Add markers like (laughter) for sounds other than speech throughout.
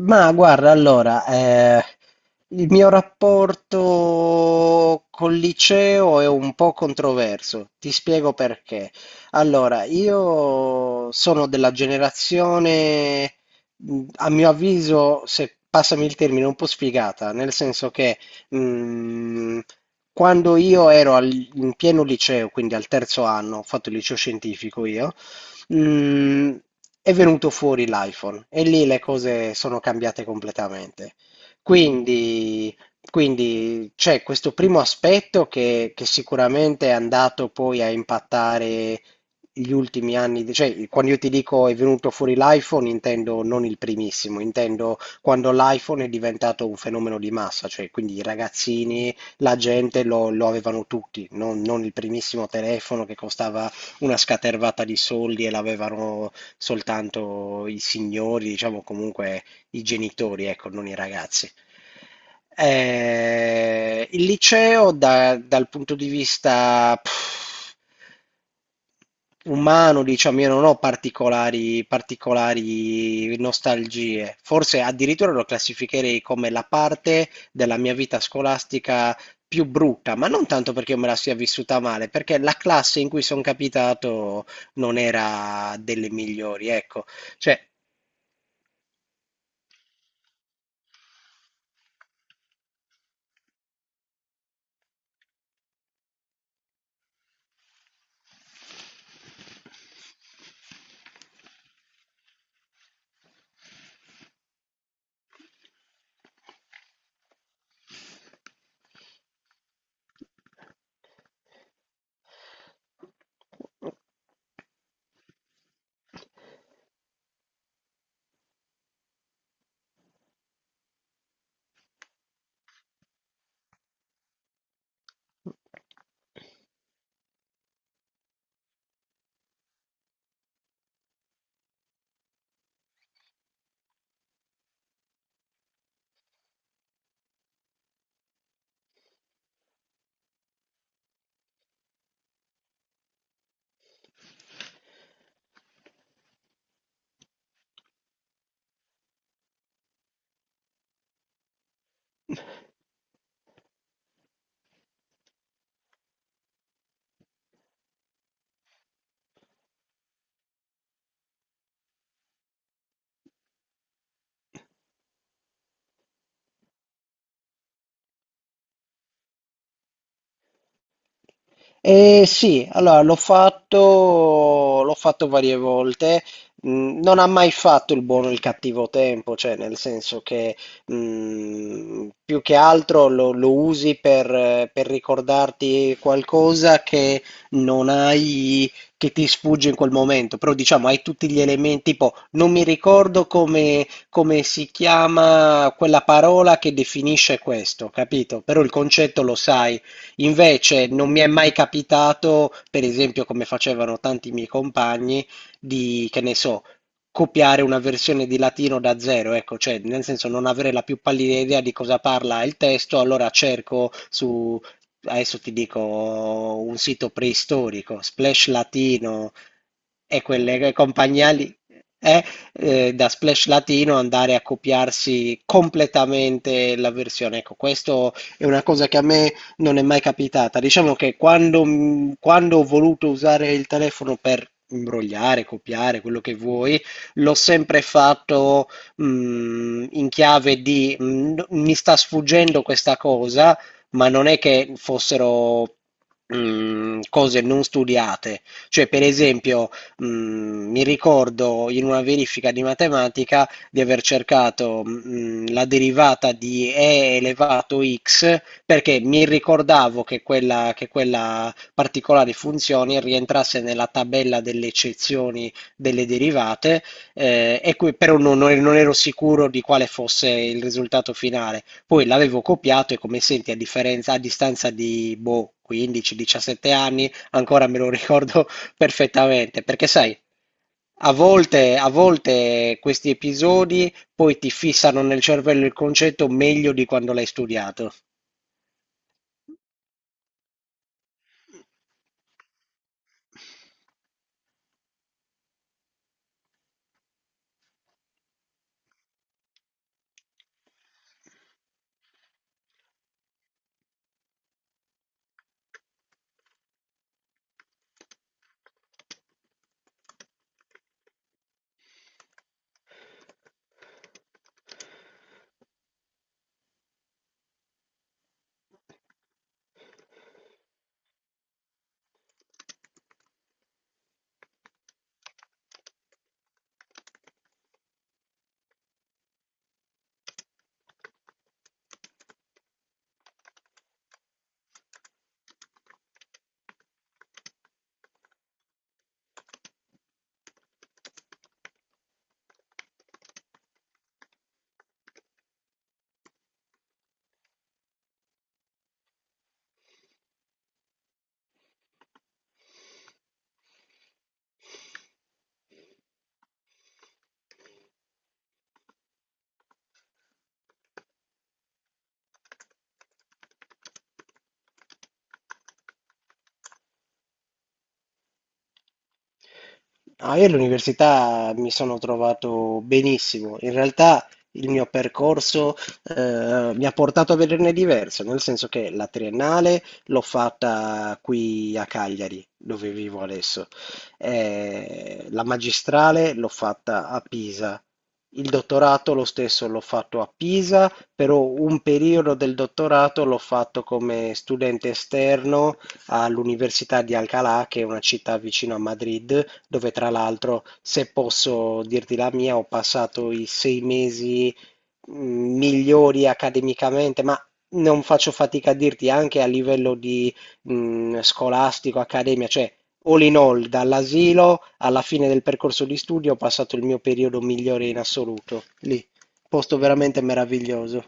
Ma guarda, allora, il mio rapporto col liceo è un po' controverso, ti spiego perché. Allora, io sono della generazione, a mio avviso, se passami il termine, un po' sfigata, nel senso che mh, quando io in pieno liceo, quindi al terzo anno, ho fatto il liceo scientifico io, mhmm, è venuto fuori l'iPhone e lì le cose sono cambiate completamente. Quindi, quindi, c'è questo primo aspetto che sicuramente è andato poi a impattare gli ultimi anni, cioè quando io ti dico è venuto fuori l'iPhone, intendo non il primissimo, intendo quando l'iPhone è diventato un fenomeno di massa, cioè quindi i ragazzini, la gente lo avevano tutti, non il primissimo telefono che costava una scatervata di soldi e l'avevano soltanto i signori, diciamo comunque i genitori, ecco, non i ragazzi. Il liceo dal punto di vista pff, umano, diciamo, io non ho particolari nostalgie. Forse addirittura lo classificherei come la parte della mia vita scolastica più brutta, ma non tanto perché io me la sia vissuta male, perché la classe in cui sono capitato non era delle migliori, ecco. Cioè, eh, sì, allora l'ho fatto varie volte. Mm, non ha mai fatto il buono e il cattivo tempo, cioè nel senso che più che altro lo usi per ricordarti qualcosa che non hai, che ti sfugge in quel momento, però diciamo hai tutti gli elementi, tipo non mi ricordo come si chiama quella parola che definisce questo, capito? Però il concetto lo sai. Invece non mi è mai capitato, per esempio, come facevano tanti miei compagni, di, che ne so, copiare una versione di latino da zero, ecco, cioè nel senso non avere la più pallida idea di cosa parla il testo, allora cerco su, adesso ti dico, un sito preistorico, Splash Latino e quelle compagnie lì, eh, da Splash Latino andare a copiarsi completamente la versione. Ecco, questo è una cosa che a me non è mai capitata. Diciamo che quando, quando ho voluto usare il telefono per imbrogliare, copiare, quello che vuoi, l'ho sempre fatto in chiave di mi sta sfuggendo questa cosa, ma non è che fossero cose non studiate. Cioè, per esempio, mi ricordo in una verifica di matematica di aver cercato la derivata di e elevato x perché mi ricordavo che quella particolare funzione rientrasse nella tabella delle eccezioni delle derivate e qui però non ero sicuro di quale fosse il risultato finale. Poi l'avevo copiato e come senti a differenza, a distanza di boh, 15-17 anni, ancora me lo (laughs) ricordo perfettamente, perché sai, a volte questi episodi poi ti fissano nel cervello il concetto meglio di quando l'hai studiato. Ah, io all'università mi sono trovato benissimo. In realtà il mio percorso mi ha portato a vederne diverso, nel senso che la triennale l'ho fatta qui a Cagliari, dove vivo adesso. La magistrale l'ho fatta a Pisa. Il dottorato lo stesso l'ho fatto a Pisa, però un periodo del dottorato l'ho fatto come studente esterno all'Università di Alcalá, che è una città vicino a Madrid, dove tra l'altro, se posso dirti la mia, ho passato i sei mesi migliori accademicamente, ma non faccio fatica a dirti anche a livello di scolastico, accademia, cioè all in all, dall'asilo alla fine del percorso di studio ho passato il mio periodo migliore in assoluto, lì, posto veramente meraviglioso.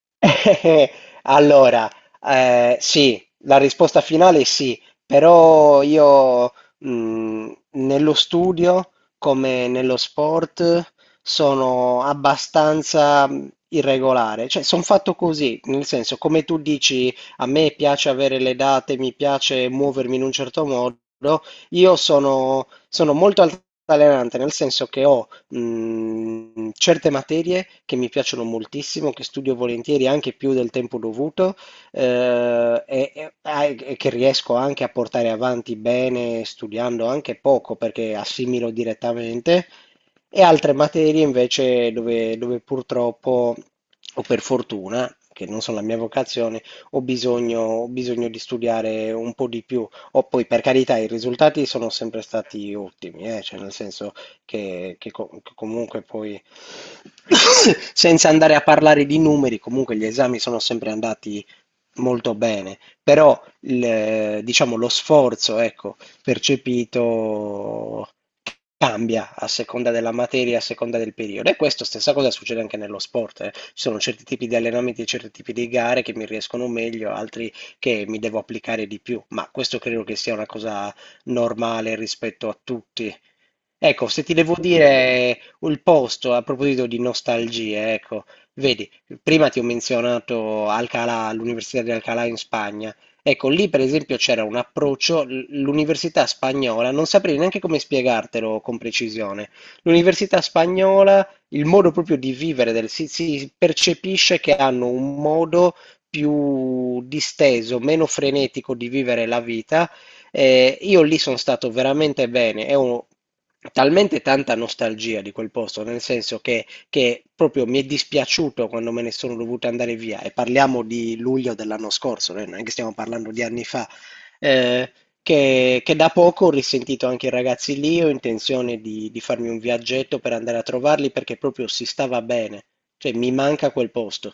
(laughs) Eh, allora, sì, la risposta finale è sì, però io nello studio come nello sport sono abbastanza irregolare, cioè sono fatto così, nel senso come tu dici a me piace avere le date, mi piace muovermi in un certo modo, io sono molto altalenante, nel senso che ho certe materie che mi piacciono moltissimo, che studio volentieri anche più del tempo dovuto e che riesco anche a portare avanti bene studiando anche poco perché assimilo direttamente, e altre materie invece dove purtroppo o per fortuna, che non sono la mia vocazione, ho bisogno di studiare un po' di più. O poi, per carità, i risultati sono sempre stati ottimi, eh. Cioè, nel senso, che comunque poi, (coughs) senza andare a parlare di numeri, comunque gli esami sono sempre andati molto bene, però diciamo lo sforzo, ecco, percepito cambia a seconda della materia, a seconda del periodo. E questo stessa cosa succede anche nello sport. Eh, ci sono certi tipi di allenamenti e certi tipi di gare che mi riescono meglio, altri che mi devo applicare di più. Ma questo credo che sia una cosa normale rispetto a tutti. Ecco, se ti devo dire il posto a proposito di nostalgie, ecco, vedi, prima ti ho menzionato Alcalá, l'Università di Alcalá in Spagna. Ecco, lì per esempio c'era un approccio, l'università spagnola, non saprei neanche come spiegartelo con precisione. L'università spagnola, il modo proprio di vivere, si, si percepisce che hanno un modo più disteso, meno frenetico di vivere la vita. Io lì sono stato veramente bene, talmente tanta nostalgia di quel posto, nel senso che proprio mi è dispiaciuto quando me ne sono dovuto andare via, e parliamo di luglio dell'anno scorso, non è che stiamo parlando di anni fa, eh, che da poco ho risentito anche i ragazzi lì, ho intenzione di farmi un viaggetto per andare a trovarli perché proprio si stava bene, cioè mi manca quel posto.